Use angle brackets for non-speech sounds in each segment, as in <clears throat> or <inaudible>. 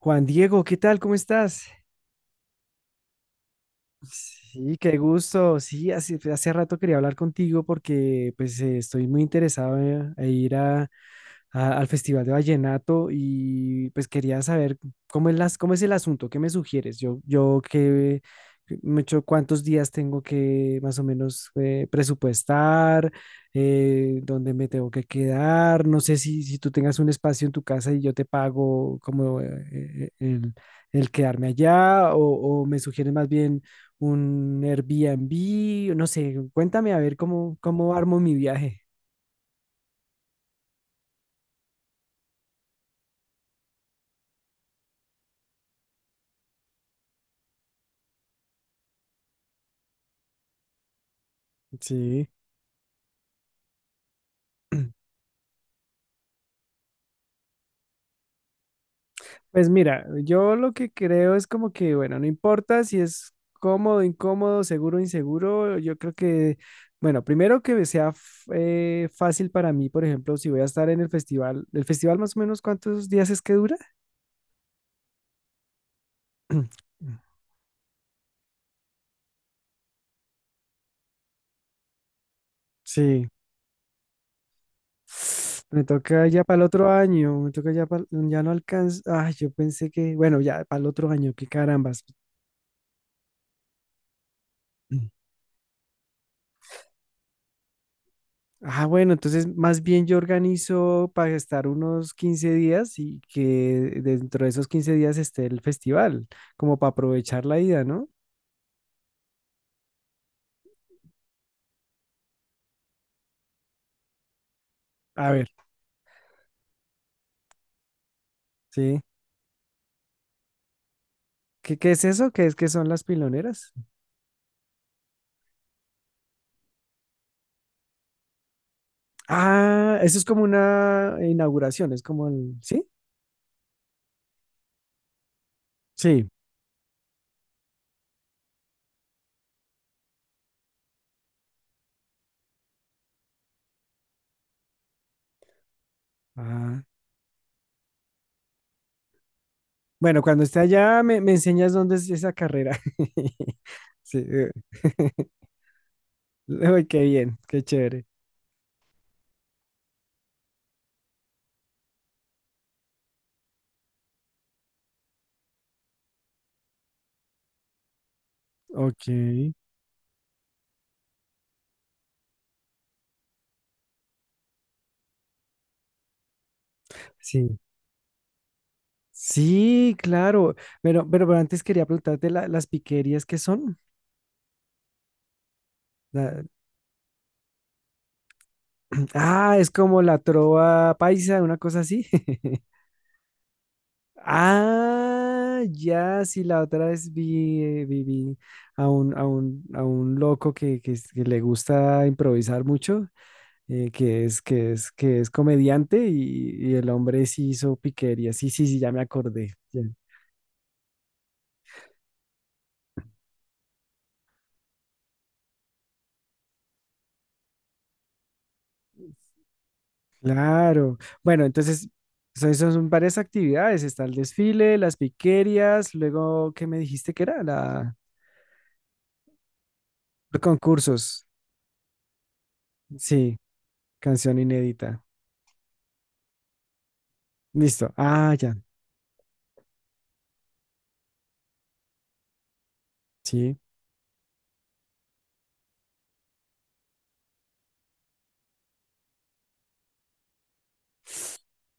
Juan Diego, ¿qué tal? ¿Cómo estás? Sí, qué gusto. Sí, hace rato quería hablar contigo porque pues estoy muy interesado en ir al Festival de Vallenato y pues quería saber cómo es el asunto, qué me sugieres. Cuántos días tengo que más o menos presupuestar, dónde me tengo que quedar. No sé si tú tengas un espacio en tu casa y yo te pago como el quedarme allá o me sugieres más bien un Airbnb, no sé, cuéntame a ver cómo armo mi viaje. Sí. <clears throat> Pues mira, yo lo que creo es como que, bueno, no importa si es cómodo, incómodo, seguro, inseguro, yo creo que, bueno, primero que sea fácil para mí, por ejemplo, si voy a estar en ¿el festival más o menos cuántos días es que dura? <clears throat> Sí, me toca ya para el otro año, me toca ya para, ya no alcanza, ay, yo pensé que, bueno, ya para el otro año, qué carambas. <clears throat> Ah, bueno, entonces más bien yo organizo para estar unos 15 días y que dentro de esos 15 días esté el festival, como para aprovechar la ida, ¿no? A ver, sí. ¿Qué es eso? ¿Qué es que son las piloneras? Ah, eso es como una inauguración, es como el... ¿Sí? Sí. Ah, bueno, cuando esté allá me, me enseñas dónde es esa carrera. <laughs> Sí. <laughs> Uy, qué bien, qué chévere. Ok. Sí. Sí, claro. Pero antes quería preguntarte las piquerías que son. La- <clears throat> Ah, es como la trova paisa, una cosa así. <laughs> Ah, ya, sí, la otra vez vi a un loco que le gusta improvisar mucho, que es comediante y el hombre sí hizo piquerías. Sí, sí, sí, ya me acordé. Claro. Bueno, entonces, eso son varias actividades. Está el desfile, las piquerías, luego, ¿qué me dijiste que era? La... Los concursos. Sí, canción inédita. Listo. Ah, ya. Sí.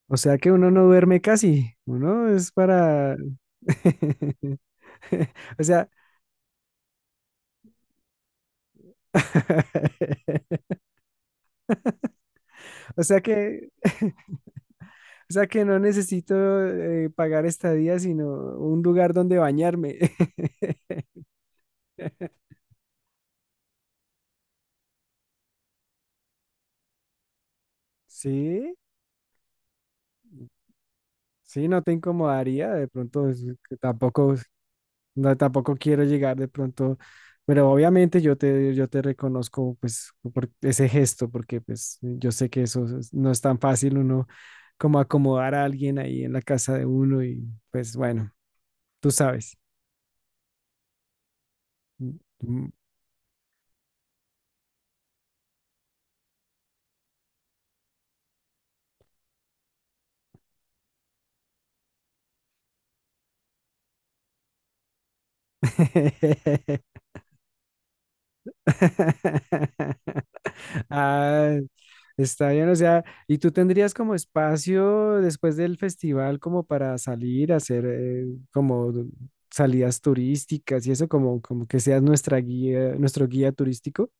O sea que uno no duerme casi. <laughs> O sea... <laughs> O sea que... <laughs> O sea que no necesito pagar estadía, sino un lugar donde bañarme. <laughs> Sí. Sí, no te incomodaría, de pronto es que tampoco, no, tampoco quiero llegar de pronto, pero obviamente yo te reconozco pues por ese gesto, porque pues yo sé que eso no es tan fácil uno como acomodar a alguien ahí en la casa de uno y pues bueno, tú sabes. Mm, mm. <laughs> <laughs> Ah, está bien, o sea, ¿y tú tendrías como espacio después del festival como para salir a hacer como salidas turísticas y eso como que seas nuestra guía, nuestro guía turístico?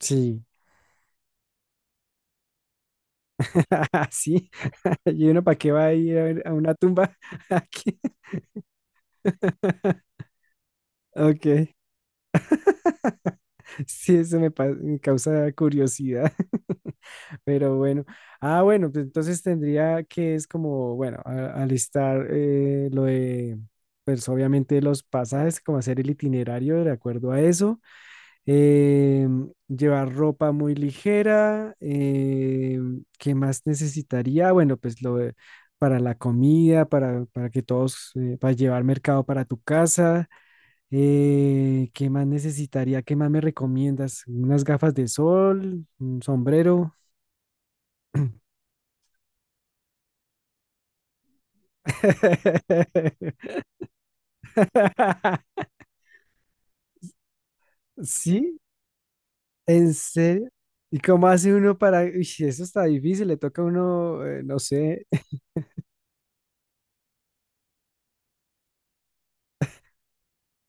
Sí. <laughs> Sí, <laughs> y uno para qué va a ir a ver a una tumba <laughs> aquí. Ok, sí, me causa curiosidad. Pero bueno, ah, bueno, pues entonces tendría que es como, bueno, alistar pues obviamente los pasajes, como hacer el itinerario de acuerdo a eso, llevar ropa muy ligera, ¿qué más necesitaría? Bueno, pues para la comida, para que todos, para llevar mercado para tu casa, ¿qué más necesitaría? ¿Qué más me recomiendas? ¿Unas gafas de sol? ¿Un sombrero? <clears throat> <laughs> ¿Sí? ¿En serio? ¿Y cómo hace uno para...? Uy, sí, eso está difícil, le toca a uno, no sé.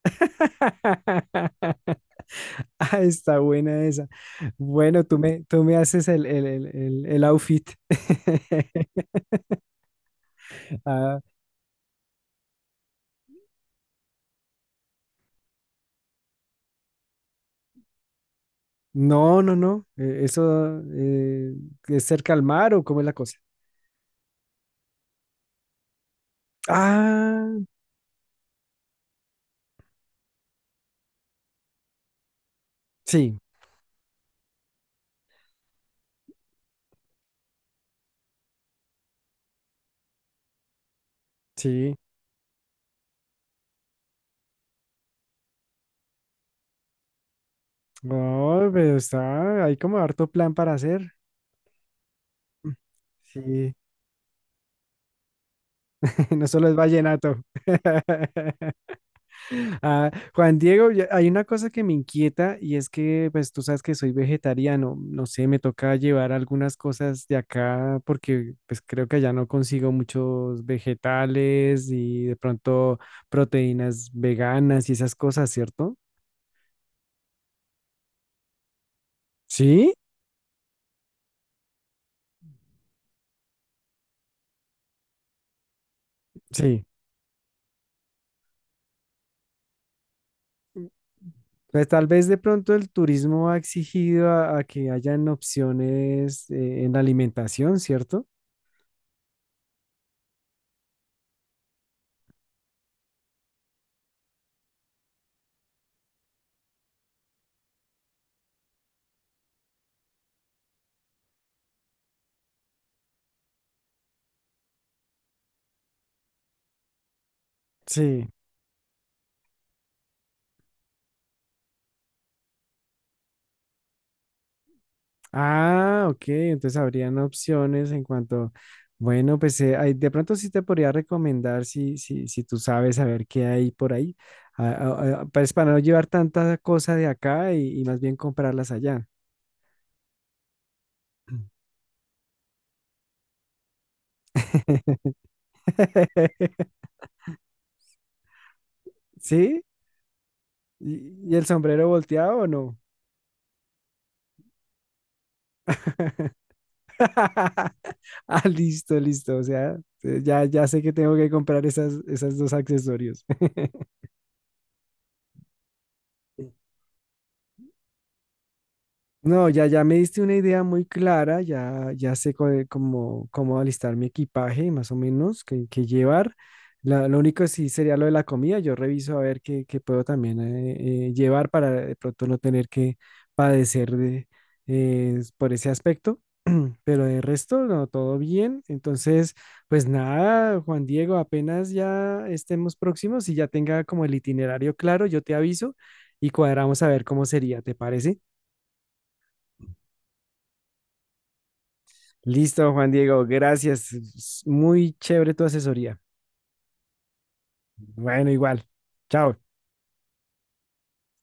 <laughs> Ah, está buena esa. Bueno, tú me haces el outfit. <laughs> Ah, no, no, no. Eso es cerca al mar o cómo es la cosa. Ah, sí, sí. No, pero está, hay como harto plan para hacer. Sí. <laughs> No solo es vallenato. <laughs> Ah, Juan Diego, hay una cosa que me inquieta y es que, pues tú sabes que soy vegetariano. No sé, me toca llevar algunas cosas de acá porque, pues creo que allá no consigo muchos vegetales y de pronto proteínas veganas y esas cosas, ¿cierto? Sí, sí. Pues tal vez de pronto el turismo ha exigido a que hayan opciones en la alimentación, ¿cierto? Sí. Ah, ok, entonces habrían opciones en cuanto, bueno, pues ahí de pronto sí te podría recomendar si tú sabes a ver qué hay por ahí, pues para no llevar tanta cosa de acá y más bien comprarlas allá. <laughs> ¿Sí? Y el sombrero volteado o no? <laughs> Ah, listo, listo, o sea, ya, ya sé que tengo que comprar esas dos accesorios. <laughs> No, ya, ya me diste una idea muy clara, ya, ya sé cómo alistar mi equipaje, más o menos, qué llevar. Lo único sí sería lo de la comida, yo reviso a ver qué puedo también llevar para de pronto no tener que padecer por ese aspecto, <clears throat> pero de resto, no, todo bien. Entonces, pues nada, Juan Diego, apenas ya estemos próximos y ya tenga como el itinerario claro, yo te aviso y cuadramos a ver cómo sería, ¿te parece? Listo, Juan Diego, gracias. Es muy chévere tu asesoría. Bueno, igual. Chao.